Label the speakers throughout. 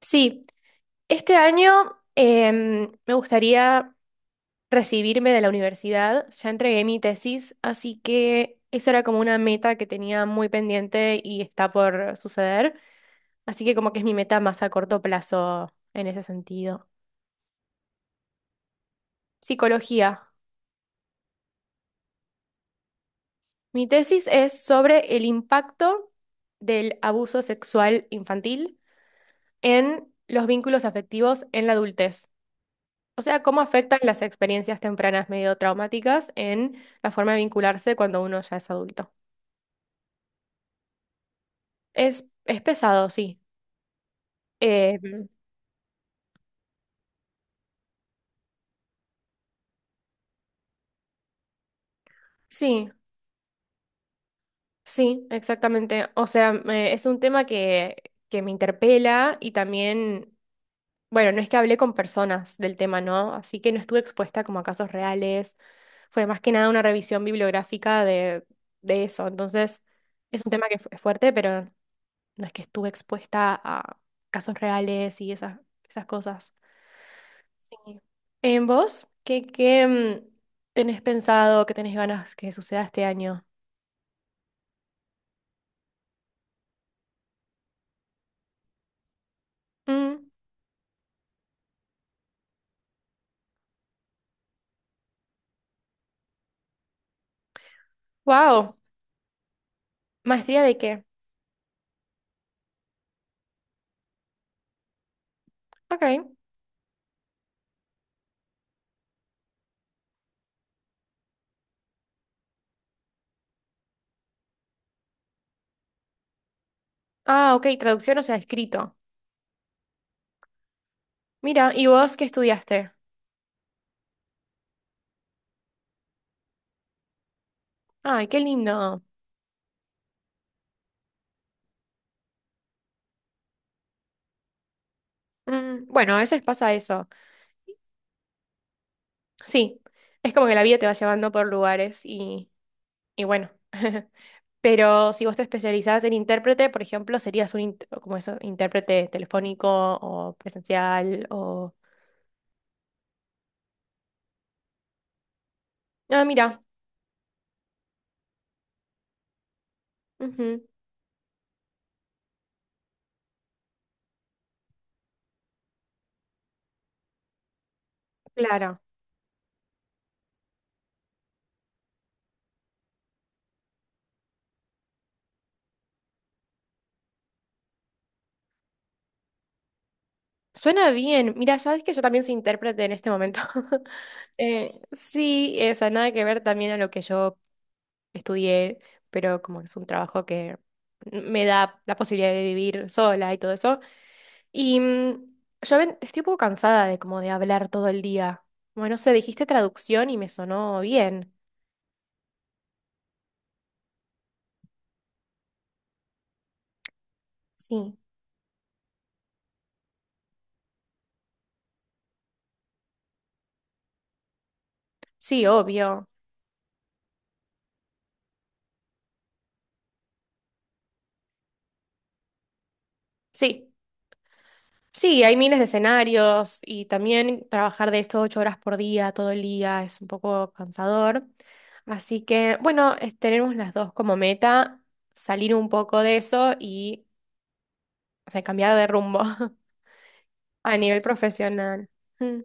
Speaker 1: Sí, este año me gustaría recibirme de la universidad. Ya entregué mi tesis, así que eso era como una meta que tenía muy pendiente y está por suceder. Así que como que es mi meta más a corto plazo en ese sentido. Psicología. Mi tesis es sobre el impacto del abuso sexual infantil en los vínculos afectivos en la adultez. O sea, ¿cómo afectan las experiencias tempranas medio traumáticas en la forma de vincularse cuando uno ya es adulto? Es pesado, sí. Eh, sí, sí, exactamente. O sea, es un tema que me interpela y también, bueno, no es que hablé con personas del tema, ¿no? Así que no estuve expuesta como a casos reales. Fue más que nada una revisión bibliográfica de eso. Entonces, es un tema que es fuerte, pero no es que estuve expuesta a casos reales y esas cosas. Sí. ¿En vos? ¿Qué tenés pensado, qué tenés ganas que suceda este año? Wow. ¿Maestría de qué? Ok. Ah, ok, traducción, o sea, escrito. Mira, ¿y vos qué estudiaste? Ay, qué lindo. Mm, bueno, a veces pasa eso. Sí, es como que la vida te va llevando por lugares y bueno, pero si vos te especializás en intérprete, por ejemplo, serías como eso, intérprete telefónico o presencial o... Ah, mira. Ujú. Claro. Suena bien. Mira, sabes que yo también soy intérprete en este momento. Sí, esa nada que ver también a lo que yo estudié, pero como es un trabajo que me da la posibilidad de vivir sola y todo eso. Y yo estoy un poco cansada de como de hablar todo el día. Bueno, no sé, dijiste traducción y me sonó bien. Sí, sí, obvio. Sí, sí, hay miles de escenarios y también trabajar de esto 8 horas por día, todo el día, es un poco cansador. Así que, bueno, tenemos las dos como meta, salir un poco de eso y, o sea, cambiar de rumbo a nivel profesional. Mm.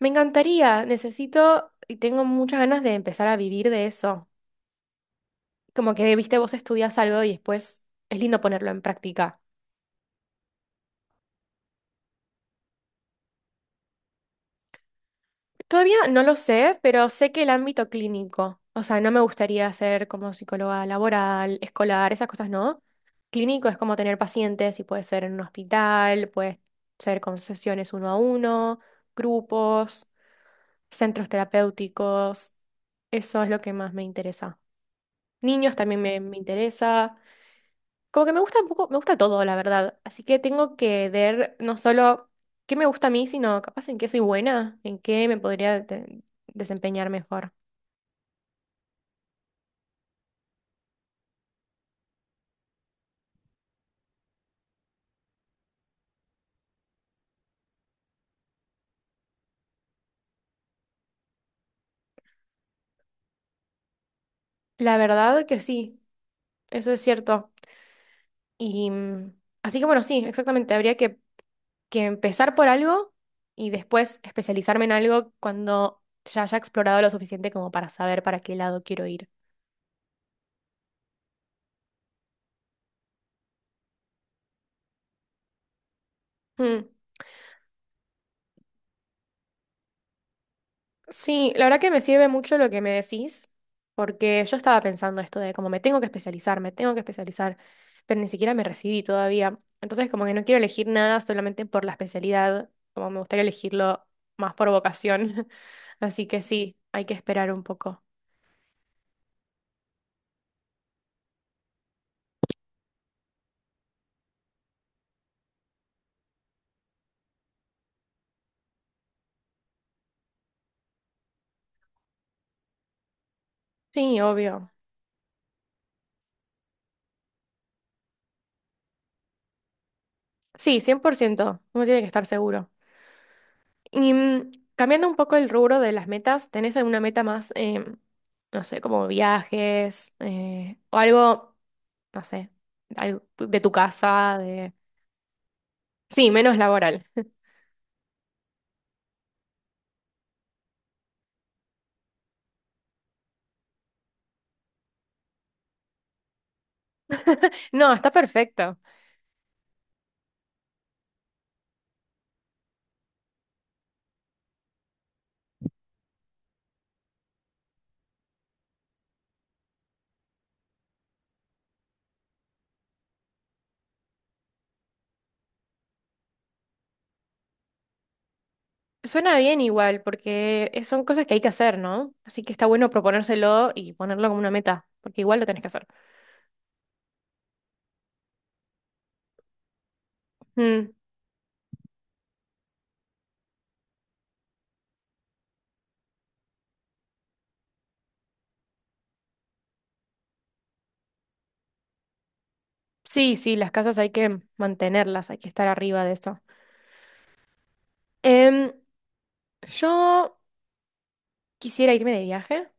Speaker 1: Me encantaría, necesito y tengo muchas ganas de empezar a vivir de eso. Como que, viste, vos estudias algo y después es lindo ponerlo en práctica. Todavía no lo sé, pero sé que el ámbito clínico, o sea, no me gustaría ser como psicóloga laboral, escolar, esas cosas no. Clínico es como tener pacientes y puede ser en un hospital, puede ser con sesiones uno a uno, grupos, centros terapéuticos. Eso es lo que más me interesa. Niños también me interesa. Como que me gusta un poco, me gusta todo, la verdad. Así que tengo que ver no solo qué me gusta a mí, sino capaz en qué soy buena, en qué me podría desempeñar mejor. La verdad que sí, eso es cierto. Y así que bueno, sí, exactamente. Habría que empezar por algo y después especializarme en algo cuando ya haya explorado lo suficiente como para saber para qué lado quiero ir. Mm. Sí, la verdad que me sirve mucho lo que me decís, porque yo estaba pensando esto de como me tengo que especializar, me tengo que especializar, pero ni siquiera me recibí todavía. Entonces como que no quiero elegir nada solamente por la especialidad, como me gustaría elegirlo más por vocación. Así que sí, hay que esperar un poco. Sí, obvio. Sí, 100%. Uno tiene que estar seguro. Y cambiando un poco el rubro de las metas, ¿tenés alguna meta más, no sé, como viajes, o algo, no sé, algo de tu casa, de...? Sí, menos laboral. No, está perfecto. Suena bien igual, porque son cosas que hay que hacer, ¿no? Así que está bueno proponérselo y ponerlo como una meta, porque igual lo tenés que hacer. Mm, sí, sí, las casas hay que mantenerlas, hay que estar arriba de eso. Em, yo quisiera irme de viaje.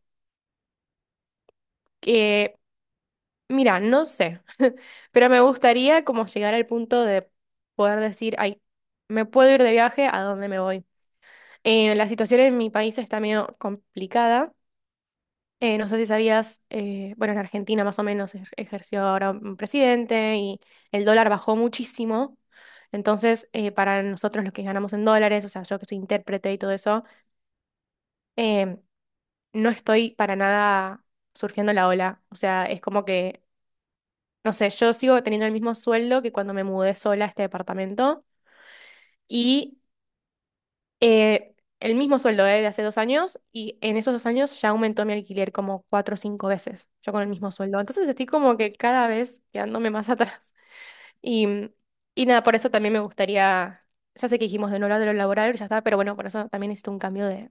Speaker 1: Que Mira, no sé, pero me gustaría como llegar al punto de poder decir, ay, me puedo ir de viaje, ¿a dónde me voy? La situación en mi país está medio complicada. No sé si sabías, bueno, en Argentina más o menos ejerció ahora un presidente y el dólar bajó muchísimo. Entonces, para nosotros los que ganamos en dólares, o sea, yo que soy intérprete y todo eso, eh, no estoy para nada surfeando la ola. O sea, es como que no sé, yo sigo teniendo el mismo sueldo que cuando me mudé sola a este departamento y el mismo sueldo de hace 2 años y en esos 2 años ya aumentó mi alquiler como cuatro o cinco veces, yo con el mismo sueldo. Entonces estoy como que cada vez quedándome más atrás. Y, y nada, por eso también me gustaría, ya sé que dijimos de no hablar de lo laboral, ya está, pero bueno, por eso también necesito un cambio de,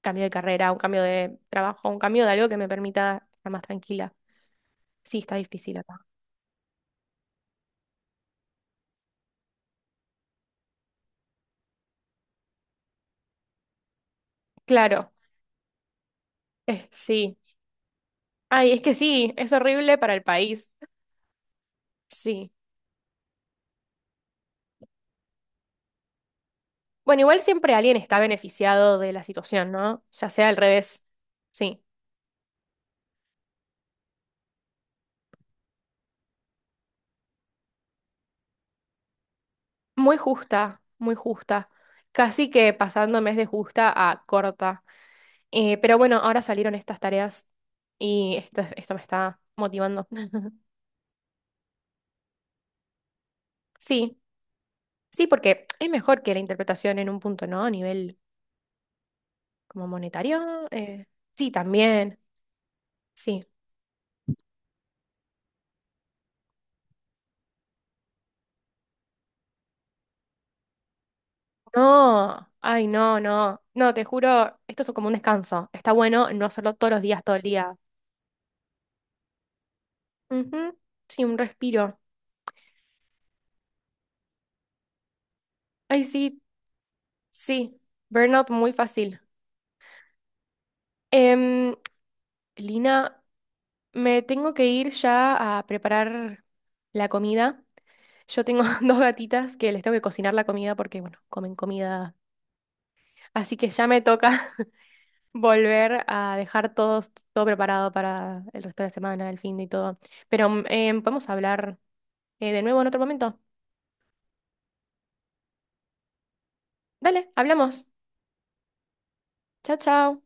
Speaker 1: carrera, un cambio de trabajo, un cambio de algo que me permita estar más tranquila. Sí, está difícil acá. Claro, sí. Ay, es que sí, es horrible para el país. Sí. Bueno, igual siempre alguien está beneficiado de la situación, ¿no? Ya sea al revés. Sí. Muy justa, muy justa. Casi que pasando en de justa a corta. Pero bueno, ahora salieron estas tareas y esto me está motivando. Sí, sí, porque es mejor que la interpretación en un punto, ¿no? A nivel como monetario. Sí, también. Sí. No, ay, no, no. No, te juro, esto es como un descanso. Está bueno no hacerlo todos los días, todo el día. Ujú. Sí, un respiro. Ay, sí, sí. Burnout muy fácil. Em, Lina, me tengo que ir ya a preparar la comida. Yo tengo dos gatitas que les tengo que cocinar la comida porque, bueno, comen comida. Así que ya me toca volver a dejar todo, todo preparado para el resto de la semana, el fin de y todo. Pero podemos hablar de nuevo en otro momento. Dale, hablamos. Chao, chao.